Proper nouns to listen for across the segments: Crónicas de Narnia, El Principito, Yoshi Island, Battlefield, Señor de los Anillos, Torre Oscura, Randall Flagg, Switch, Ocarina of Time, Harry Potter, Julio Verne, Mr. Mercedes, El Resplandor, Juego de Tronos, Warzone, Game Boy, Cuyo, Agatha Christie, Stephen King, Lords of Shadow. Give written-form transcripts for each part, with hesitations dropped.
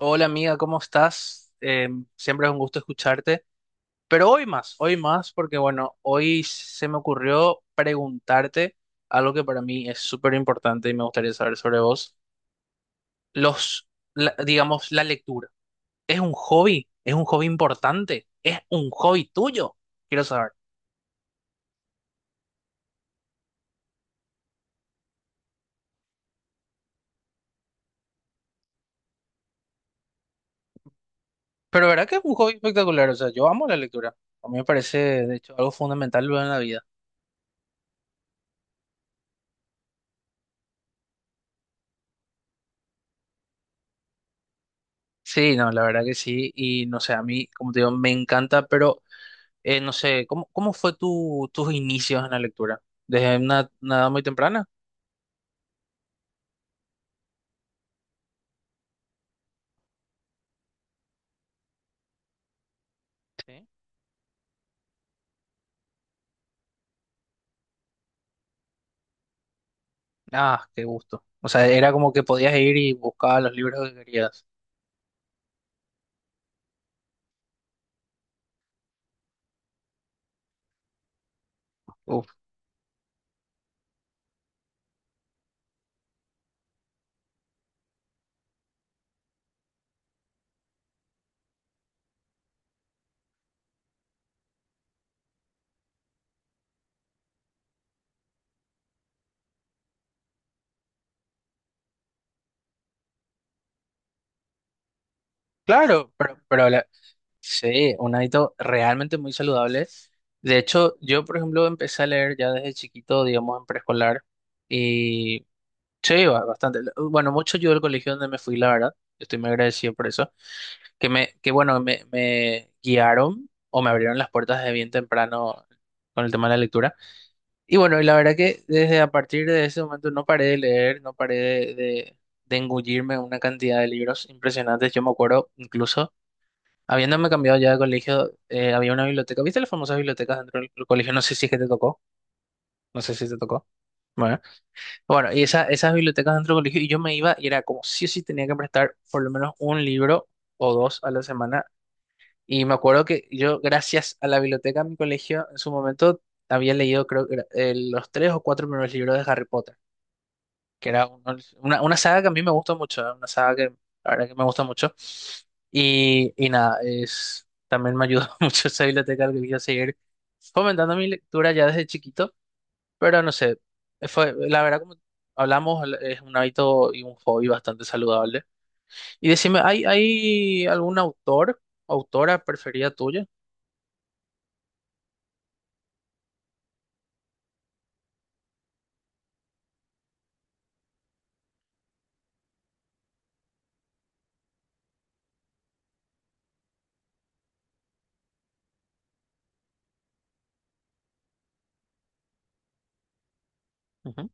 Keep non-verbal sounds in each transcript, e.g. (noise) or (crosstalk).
Hola amiga, ¿cómo estás? Siempre es un gusto escucharte, pero hoy más, porque bueno, hoy se me ocurrió preguntarte algo que para mí es súper importante y me gustaría saber sobre vos. Los, digamos, la lectura. ¿Es un hobby? ¿Es un hobby importante? ¿Es un hobby tuyo? Quiero saber. Pero ¿verdad que es un hobby espectacular? O sea, yo amo la lectura. A mí me parece, de hecho, algo fundamental en la vida. Sí, no, la verdad que sí. Y no sé, a mí, como te digo, me encanta, pero. No sé, ¿cómo fue tus inicios en la lectura? ¿Desde una edad muy temprana? Sí. Ah, qué gusto. O sea, era como que podías ir y buscabas los libros que querías. Uf, claro, sí, un hábito realmente muy saludable. De hecho, yo, por ejemplo, empecé a leer ya desde chiquito, digamos, en preescolar. Y sí, bastante. Bueno, mucho ayudó el colegio donde me fui, la verdad. Estoy muy agradecido por eso. Que me, que Bueno, me guiaron o me abrieron las puertas de bien temprano con el tema de la lectura. Y bueno, y la verdad que desde a partir de ese momento no paré de leer, no paré de engullirme una cantidad de libros impresionantes. Yo me acuerdo incluso, habiéndome cambiado ya de colegio, había una biblioteca. ¿Viste las famosas bibliotecas dentro del colegio? No sé si es que te tocó, no sé si te tocó. Bueno, bueno, y esas bibliotecas dentro del colegio, y yo me iba y era como sí o sí tenía que prestar por lo menos un libro o dos a la semana. Y me acuerdo que yo, gracias a la biblioteca de mi colegio, en su momento había leído, creo que era, los tres o cuatro primeros libros de Harry Potter, que era una saga que a mí me gustó mucho, una saga que la verdad que me gusta mucho. Y nada, también me ayudó (laughs) mucho esa biblioteca al que quería seguir fomentando mi lectura ya desde chiquito, pero no sé, fue, la verdad, como hablamos, es un hábito y un hobby bastante saludable. Y decime, ¿hay algún autora preferida tuya? Ujú.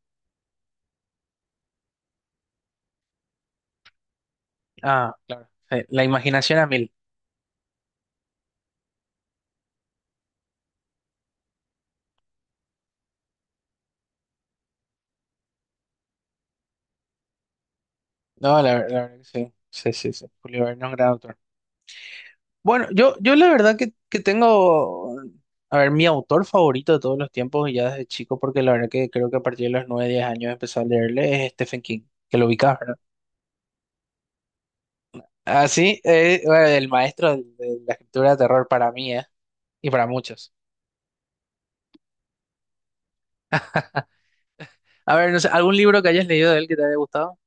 Ah, claro. Sí, La imaginación a mil. No, la verdad que sí. Sí, sí, sí. Julio Verne es un gran autor. Bueno, yo la verdad que tengo, a ver, mi autor favorito de todos los tiempos y ya desde chico, porque la verdad que creo que a partir de los 9 10 años empecé a leerle es Stephen King, que lo ubicás, ¿verdad? Así, bueno, el maestro de la escritura de terror para mí, ¿eh? Y para muchos. A ver, no sé, ¿algún libro que hayas leído de él que te haya gustado?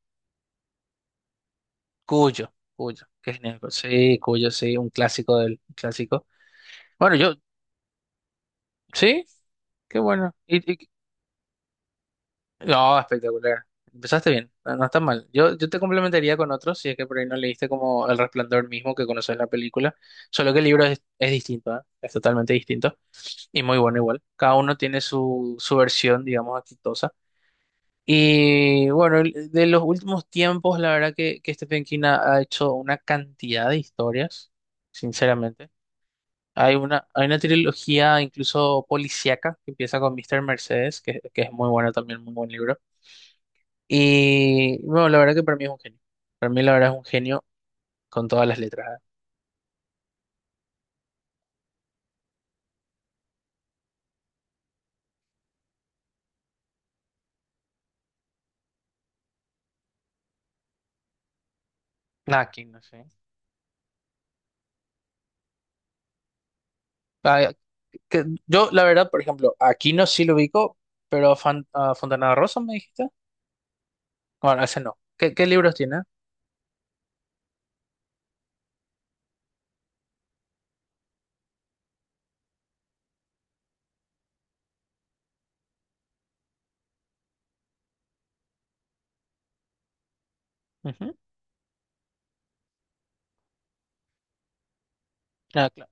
Cuyo, Cuyo, qué genial. Sí, Cuyo, sí, un clásico del un clásico. Bueno, yo, sí. Qué bueno. Y, no, espectacular. Empezaste bien, no, no está mal. Yo te complementaría con otros, si es que por ahí no leíste como El Resplandor mismo que conoces la película, solo que el libro es distinto, ¿eh? Es totalmente distinto y muy bueno igual. Cada uno tiene su versión, digamos, exitosa. Y bueno, de los últimos tiempos, la verdad que Stephen King ha hecho una cantidad de historias, sinceramente. Hay una trilogía incluso policíaca que empieza con Mr. Mercedes, que es muy bueno también, muy buen libro. Y bueno, la verdad que para mí es un genio. Para mí la verdad es un genio con todas las letras. Nada, que no sé. Ah, yo la verdad, por ejemplo, aquí no sí lo ubico, pero a Fontana Rosa me dijiste. Bueno, ese no. ¿Qué libros tiene? Ujú. Ah, claro.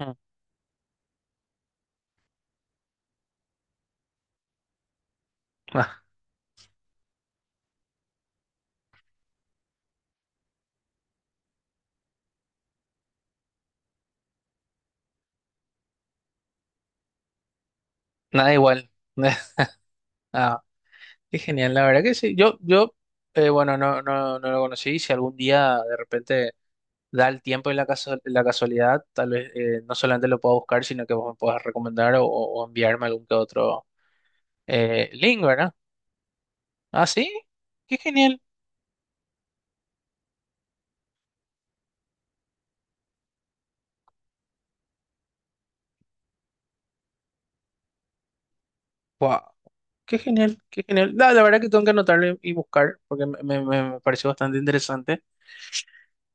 Mm. Ah, nada igual. (laughs) Ah, qué genial, la verdad que sí. Bueno, no, no, no lo conocí. Si algún día de repente da el tiempo y la casualidad, tal vez no solamente lo puedo buscar, sino que vos me puedas recomendar o enviarme algún que otro. Link, ¿verdad? Ah, sí. Qué genial. Wow. Qué genial, qué genial. La verdad que tengo que anotarle y buscar porque me pareció bastante interesante.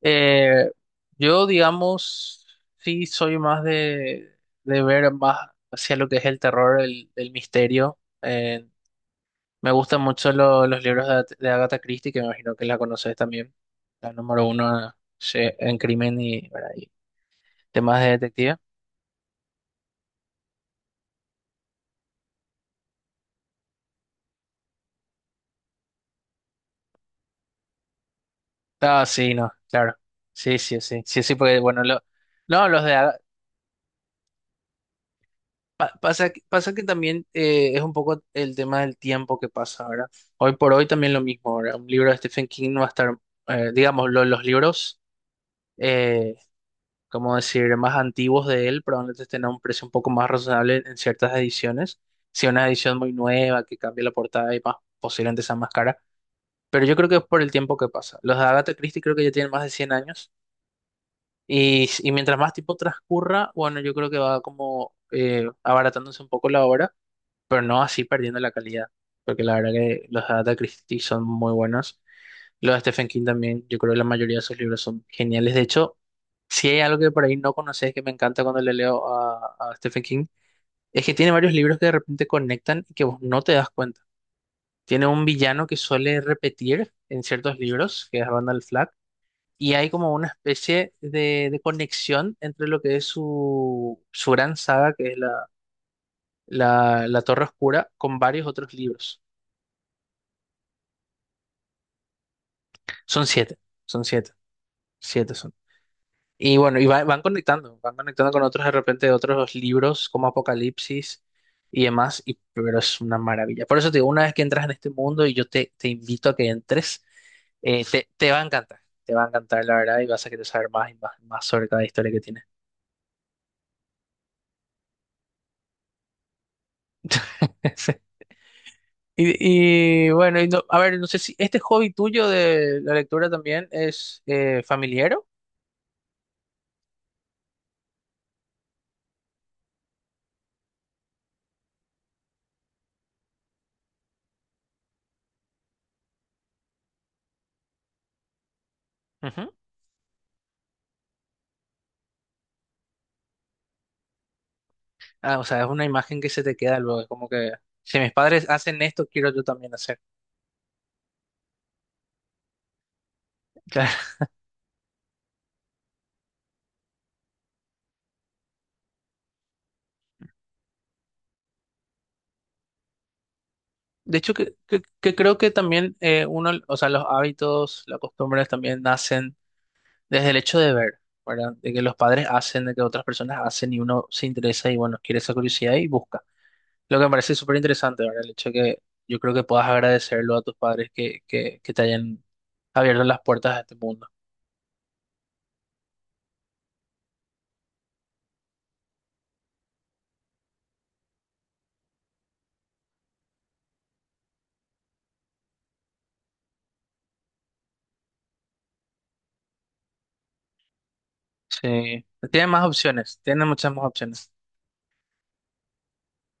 Eh, yo, digamos, sí soy más de ver más hacia lo que es el terror, el misterio. Me gustan mucho los libros de Agatha Christie, que me imagino que la conoces también. La número uno sí, en crimen y, ¿verdad? Y temas de detective. Ah, sí, no, claro. Sí, sí, sí, sí, sí, porque bueno, no, los de a- pa- pasa, pasa que también es un poco el tema del tiempo que pasa, ¿verdad? Hoy por hoy también lo mismo, ¿verdad? Un libro de Stephen King no va a estar, digamos, los libros, eh, como decir, más antiguos de él, probablemente estén a un precio un poco más razonable en ciertas ediciones. Si una edición muy nueva que cambie la portada y más, posiblemente sea más cara. Pero yo creo que es por el tiempo que pasa. Los de Agatha Christie creo que ya tienen más de 100 años. Y mientras más tiempo transcurra, bueno, yo creo que va como abaratándose un poco la obra, pero no así perdiendo la calidad, porque la verdad que los de Agatha Christie son muy buenos. Los de Stephen King también, yo creo que la mayoría de sus libros son geniales. De hecho, si hay algo que por ahí no conoces que me encanta cuando le leo a Stephen King, es que tiene varios libros que de repente conectan y que vos no te das cuenta. Tiene un villano que suele repetir en ciertos libros, que es Randall Flagg y hay como una especie de conexión entre lo que es su gran saga, que es la Torre Oscura, con varios otros libros. Son siete, son siete, siete son. Y bueno, van conectando con otros de repente de otros libros como Apocalipsis y demás, pero es una maravilla. Por eso te digo, una vez que entras en este mundo y yo te invito a que entres, te va a encantar, te va a encantar la verdad y vas a querer saber más y más, más sobre cada historia que tiene. (laughs) Y bueno, a ver, no sé si este hobby tuyo de la lectura también es familiero. Ujú. Ah, o sea, es una imagen que se te queda luego, es como que si mis padres hacen esto, quiero yo también hacer. Claro. De hecho, que creo que también uno, o sea, los hábitos, las costumbres también nacen desde el hecho de ver, ¿verdad? De que los padres hacen, de que otras personas hacen y uno se interesa y bueno, quiere esa curiosidad y busca. Lo que me parece súper interesante, ¿verdad? El hecho que yo creo que puedas agradecerlo a tus padres que te hayan abierto las puertas a este mundo. Sí, tienen más opciones, tienen muchas más opciones.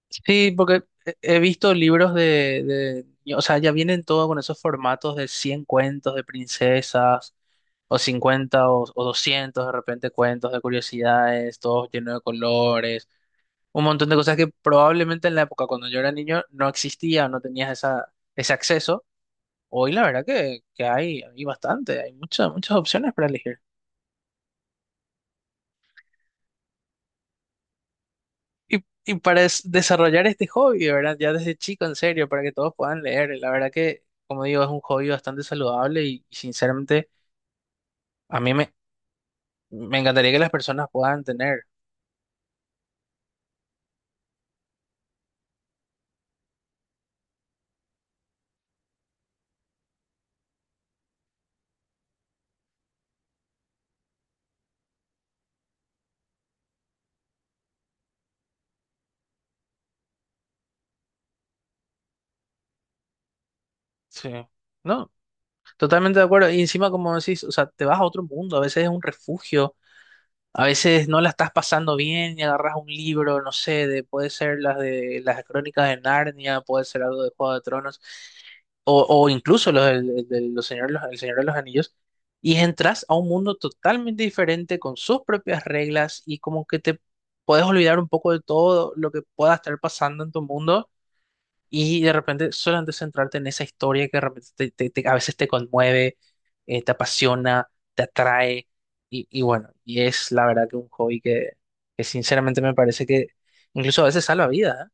Sí, porque he visto libros de, o sea, ya vienen todo con esos formatos de 100 cuentos de princesas, o 50 o 200 de repente cuentos de curiosidades, todos llenos de colores, un montón de cosas que probablemente en la época cuando yo era niño no existía o no tenías esa, ese acceso. Hoy la verdad que hay, hay bastante, hay muchas, muchas opciones para elegir. Y para desarrollar este hobby, de verdad, ya desde chico, en serio, para que todos puedan leer. La verdad que, como digo, es un hobby bastante saludable y sinceramente a mí me encantaría que las personas puedan tener. Sí. No, totalmente de acuerdo. Y encima, como decís, o sea, te vas a otro mundo, a veces es un refugio, a veces no la estás pasando bien y agarras un libro, no sé, de, puede ser las de las crónicas de Narnia, puede ser algo de Juego de Tronos. O incluso los, del- el, del- los señor, los- el Señor de los Anillos, y entras a un mundo totalmente diferente con sus propias reglas y como que te puedes olvidar un poco de todo lo que pueda estar pasando en tu mundo y de repente solamente centrarte en esa historia que de repente a veces te conmueve, te apasiona, te atrae y bueno, y es la verdad que un hobby que sinceramente me parece que incluso a veces salva vidas, ¿eh?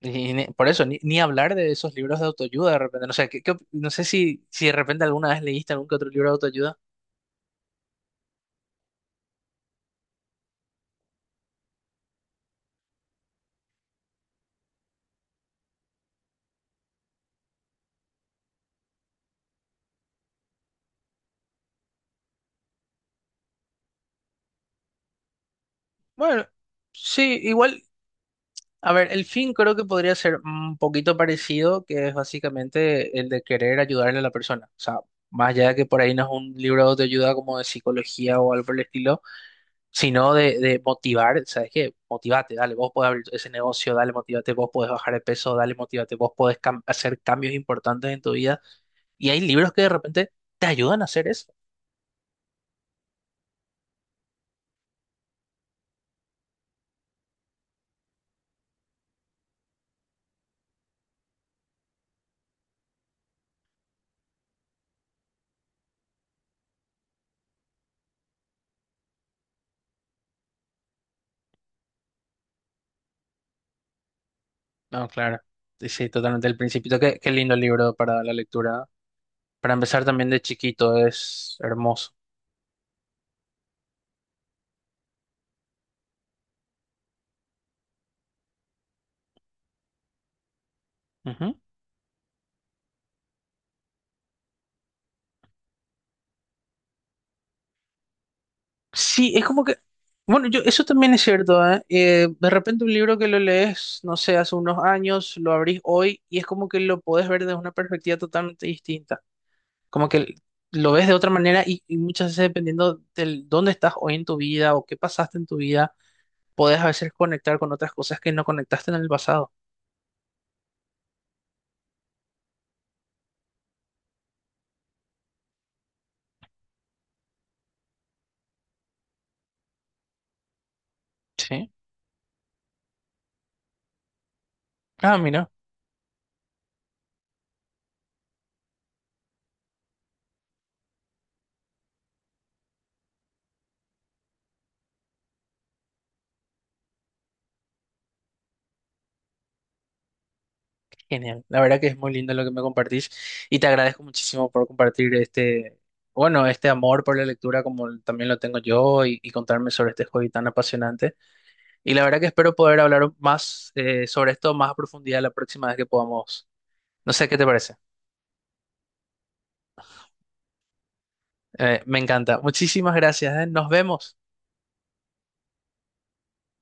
Y por eso, ni hablar de esos libros de autoayuda de repente. No sé, no sé si de repente alguna vez leíste algún que otro libro de autoayuda. Bueno, sí, igual, a ver, el fin creo que podría ser un poquito parecido, que es básicamente el de querer ayudarle a la persona. O sea, más allá de que por ahí no es un libro de autoayuda como de psicología o algo por el estilo, sino de motivar, ¿sabes qué? Motivate, dale, vos podés abrir ese negocio, dale, motivate, vos podés bajar de peso, dale, motivate, vos podés hacer cambios importantes en tu vida. Y hay libros que de repente te ayudan a hacer eso. No, claro. Sí, sí, totalmente. El Principito, qué, qué lindo libro para la lectura. Para empezar también de chiquito, es hermoso. Ujú. Sí, es como que, bueno, eso también es cierto, ¿eh? De repente un libro que lo lees, no sé, hace unos años, lo abrís hoy y es como que lo podés ver desde una perspectiva totalmente distinta. Como que lo ves de otra manera y muchas veces dependiendo del dónde estás hoy en tu vida o qué pasaste en tu vida, podés a veces conectar con otras cosas que no conectaste en el pasado. Sí. Ah, mira, genial. La verdad que es muy lindo lo que me compartís y te agradezco muchísimo por compartir bueno, este amor por la lectura como también lo tengo yo y contarme sobre este hobby tan apasionante. Y la verdad que espero poder hablar más sobre esto más a profundidad la próxima vez que podamos. No sé qué te parece. Me encanta. Muchísimas gracias, ¿eh? Nos vemos.